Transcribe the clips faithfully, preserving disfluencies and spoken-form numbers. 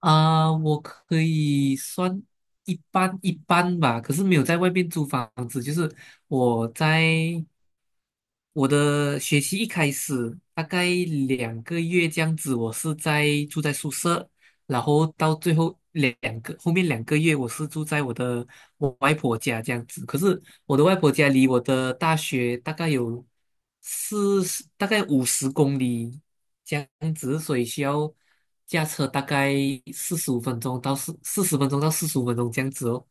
啊、我可以算一般一般吧。可是没有在外面租房子，就是我在我的学期一开始，大概两个月这样子，我是在住在宿舍，然后到最后两个后面两个月，我是住在我的我外婆家这样子。可是我的外婆家离我的大学大概有四十，大概五十公里这样子，所以需要驾车大概四十五分钟到四四十分钟到四十五分钟这样子哦。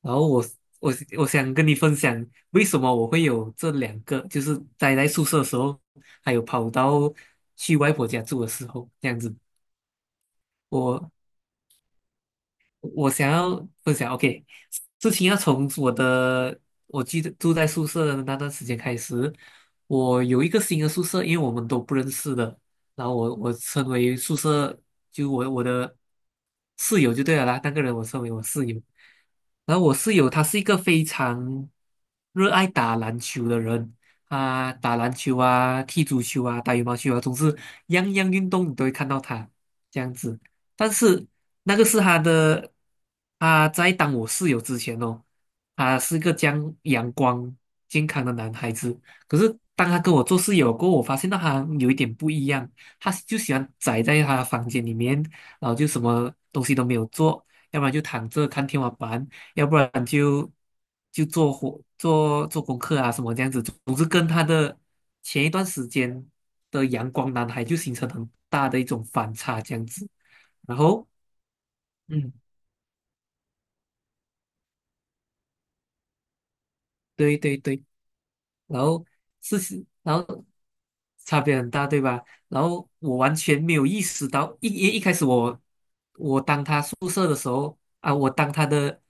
然后我我我想跟你分享，为什么我会有这两个，就是待在宿舍的时候，还有跑到去外婆家住的时候，这样子。我我想要分享，OK,事情要从我的，我记得住在宿舍的那段时间开始，我有一个新的宿舍，因为我们都不认识的，然后我我称为宿舍，就我我的室友就对了啦，那个人我称为我室友。然后我室友他是一个非常热爱打篮球的人，他打篮球啊，踢足球啊，打羽毛球啊，总是样样运动你都会看到他这样子。但是那个是他的，他在当我室友之前哦，他是个将阳光健康的男孩子。可是当他跟我做室友过后，我发现到他有一点不一样，他就喜欢宅在他的房间里面，然后就什么东西都没有做，要不然就躺着看天花板，要不然就就做活做做功课啊什么这样子。总是跟他的前一段时间的阳光男孩就形成很大的一种反差这样子。然后嗯，对对对。然后事实，然后差别很大，对吧？然后我完全没有意识到，一一一开始我我当他宿舍的时候啊，我当他的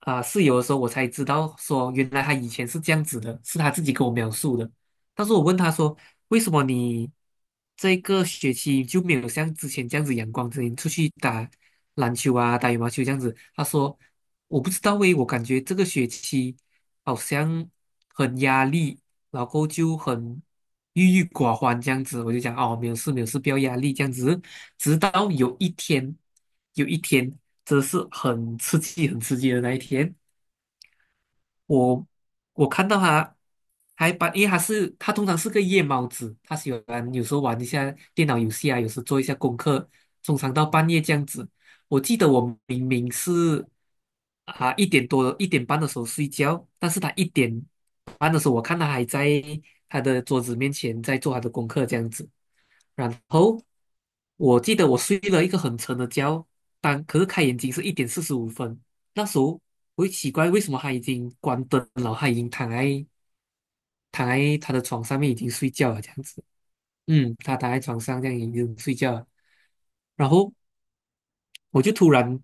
啊室友的时候，我才知道说原来他以前是这样子的，是他自己跟我描述的。但是我问他说，为什么你这个学期就没有像之前这样子阳光，之前出去打篮球啊、打羽毛球这样子？他说我不知道诶，我感觉这个学期好像很压力，然后就很郁郁寡欢这样子。我就讲哦，没有事，没有事，不要压力这样子。直到有一天，有一天，真的是很刺激、很刺激的那一天，我我看到他还把，因为他是他通常是个夜猫子，它喜欢有时候玩一下电脑游戏啊，有时做一下功课，通常到半夜这样子。我记得我明明是啊一点多一点半的时候睡觉，但是他一点半的时候，我看他还在他的桌子面前在做他的功课这样子。然后我记得我睡了一个很沉的觉，但可是开眼睛是一点四十五分。那时候我会奇怪，为什么他已经关灯了，他已经躺在躺在他的床上面已经睡觉了，这样子。嗯，他躺在床上这样已经睡觉了。然后我就突然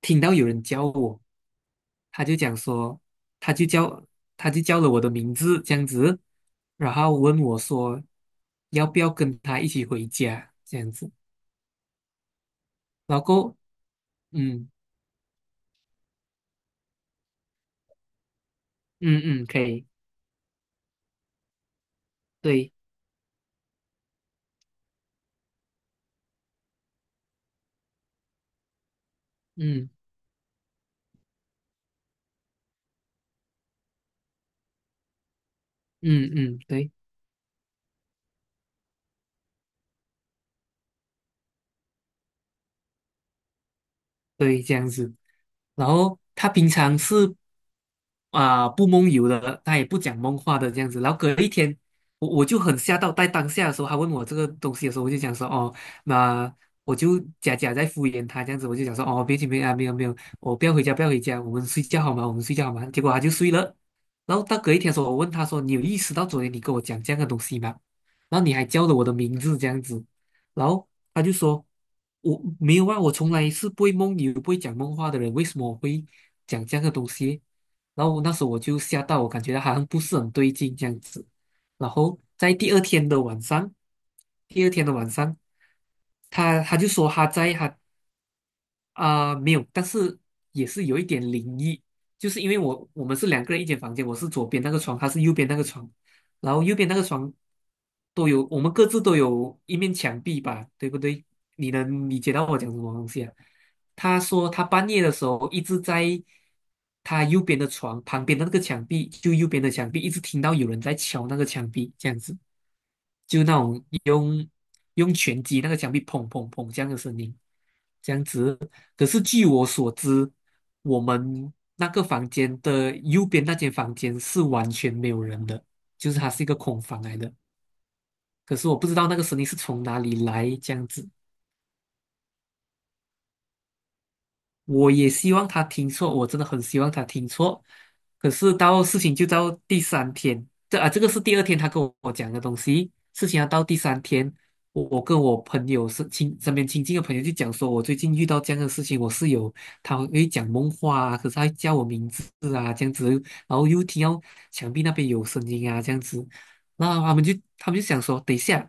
听到有人叫我，他就讲说，他就叫他就叫了我的名字这样子，然后问我说要不要跟他一起回家这样子。然后过后，嗯嗯嗯，可以，对，嗯嗯嗯，对。对，这样子。然后他平常是啊、不梦游的，他也不讲梦话的这样子。然后隔一天，我我就很吓到。在当下的时候，他问我这个东西的时候，我就讲说哦，那我就假假在敷衍他这样子。我就讲说哦，别紧别啊，没有没有，我不要回家不要回家，我们睡觉好吗？我们睡觉好吗？结果他就睡了。然后到隔一天的时候，我问他说，你有意识到昨天你跟我讲这样的东西吗？然后你还叫了我的名字这样子。然后他就说："我没有啊，我从来是不会梦游、不会讲梦话的人，为什么我会讲这样的东西？"然后那时候我就吓到，我感觉好像不是很对劲这样子。然后在第二天的晚上，第二天的晚上，他他就说他在他啊、没有，但是也是有一点灵异。就是因为我我们是两个人一间房间，我是左边那个床，他是右边那个床，然后右边那个床都有，我们各自都有一面墙壁吧，对不对？你能理解到我讲什么东西啊？他说他半夜的时候一直在他右边的床旁边的那个墙壁，就右边的墙壁，一直听到有人在敲那个墙壁，这样子，就那种。用拳击那个墙壁砰砰砰这样的声音，这样子。可是据我所知，我们那个房间的右边那间房间是完全没有人的，就是它是一个空房来的。可是我不知道那个声音是从哪里来，这样子。我也希望他听错，我真的很希望他听错。可是到事情就到第三天，这啊，这个是第二天他跟我讲的东西。事情要到第三天，我我跟我朋友是亲身边亲近的朋友就讲说，我最近遇到这样的事情，我室友他会讲梦话啊，可是他会叫我名字啊，这样子，然后又听到墙壁那边有声音啊，这样子。然后他们就他们就想说，等一下，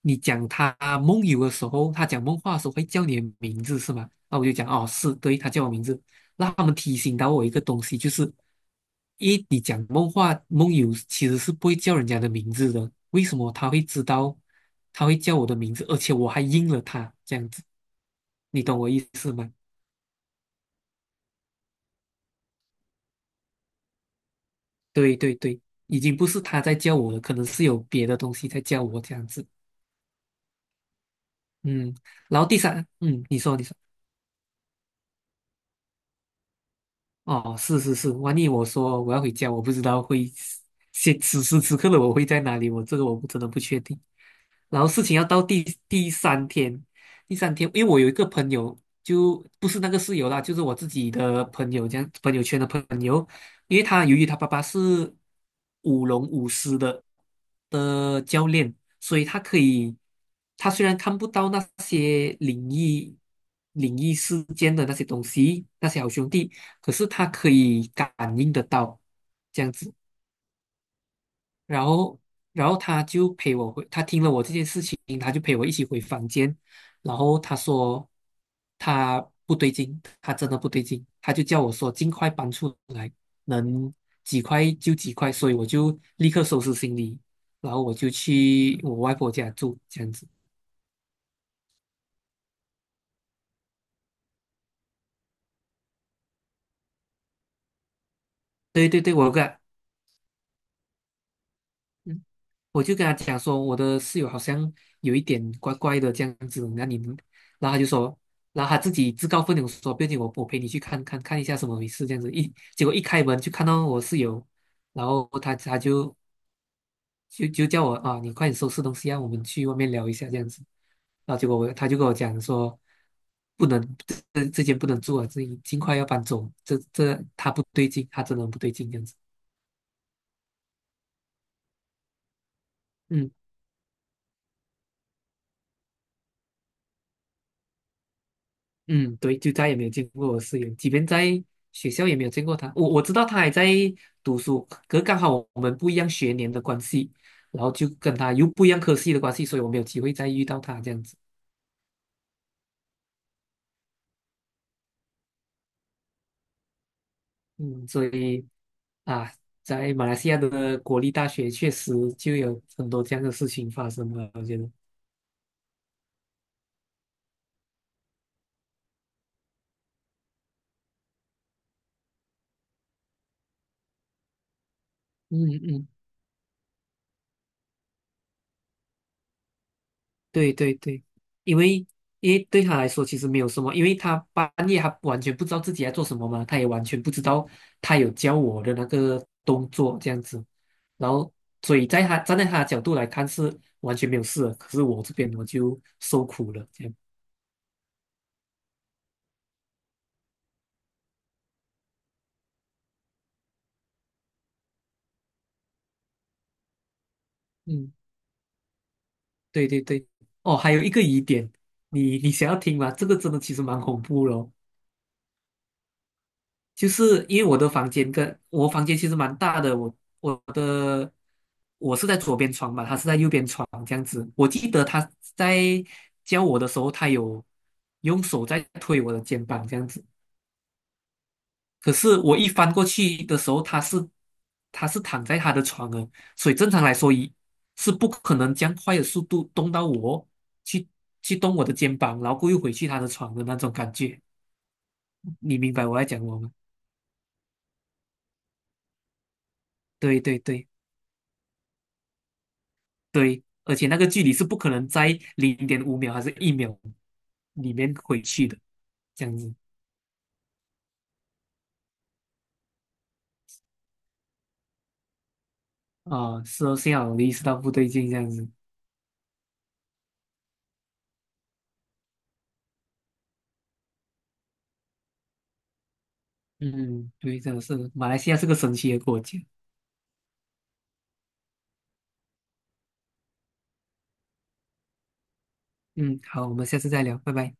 你讲他梦游的时候，他讲梦话的时候会叫你的名字是吗？那我就讲哦，是，对，他叫我名字。那他们提醒到我一个东西，就是一你讲梦话梦游其实是不会叫人家的名字的，为什么他会知道他会叫我的名字，而且我还应了他这样子，你懂我意思吗？对对对，已经不是他在叫我了，可能是有别的东西在叫我这样子。嗯，然后第三，嗯，你说你说。哦，是是是，万一我说我要回家，我不知道会现此时此刻的我会在哪里，我这个我不真的不确定。然后事情要到第第三天，第三天，因为我有一个朋友，就不是那个室友啦，就是我自己的朋友，这样朋友圈的朋友，因为他由于他爸爸是舞龙舞狮的的教练，所以他可以，他虽然看不到那些灵异灵异事件的那些东西，那些好兄弟，可是他可以感应得到，这样子。然后，然后他就陪我回，他听了我这件事情，他就陪我一起回房间。然后他说他不对劲，他真的不对劲。他就叫我说尽快搬出来，能几块就几块。所以我就立刻收拾行李，然后我就去我外婆家住，这样子。对对对，我有个。嗯我就跟他讲说，我的室友好像有一点怪怪的这样子，那你们，然后他就说，然后他自己自告奋勇说，不行，我我陪你去看看看一下什么回事这样子。一结果一开门就看到我室友，然后他他就就就叫我啊，你快点收拾东西让我们去外面聊一下这样子。然后结果我他就跟我讲说，不能这这间不能住啊，这尽快要搬走，这这他不对劲，他真的很不对劲这样子。嗯。嗯，对，就再也没有见过我室友，即便在学校也没有见过他。我我知道他还在读书，可是刚好我们不一样学年的关系，然后就跟他又不一样科系的关系，所以我没有机会再遇到他这样子。嗯，所以啊，在马来西亚的国立大学确实就有很多这样的事情发生了，我觉得。嗯嗯对对对，因为因为对他来说其实没有什么，因为他半夜他完全不知道自己在做什么嘛，他也完全不知道他有教我的那个动作这样子。然后所以在他站在他的角度来看是完全没有事的，可是我这边我就受苦了这样。嗯，对对对，哦，还有一个疑点，你你想要听吗？这个真的其实蛮恐怖的哦。就是因为我的房间跟我房间其实蛮大的，我我的我是在左边床嘛，他是在右边床这样子。我记得他在教我的时候，他有用手在推我的肩膀这样子。可是我一翻过去的时候，他是他是躺在他的床了，所以正常来说一是不可能将快的速度动到我去去动我的肩膀，然后过又回去他的床的那种感觉。你明白我在讲我吗？对对对。对，而且那个距离是不可能在零点五秒还是一秒里面回去的，这样子。啊，是哦，幸好我意识到不对劲，这样子。嗯，对，真的是马来西亚是个神奇的国家。嗯，好，我们下次再聊，拜拜。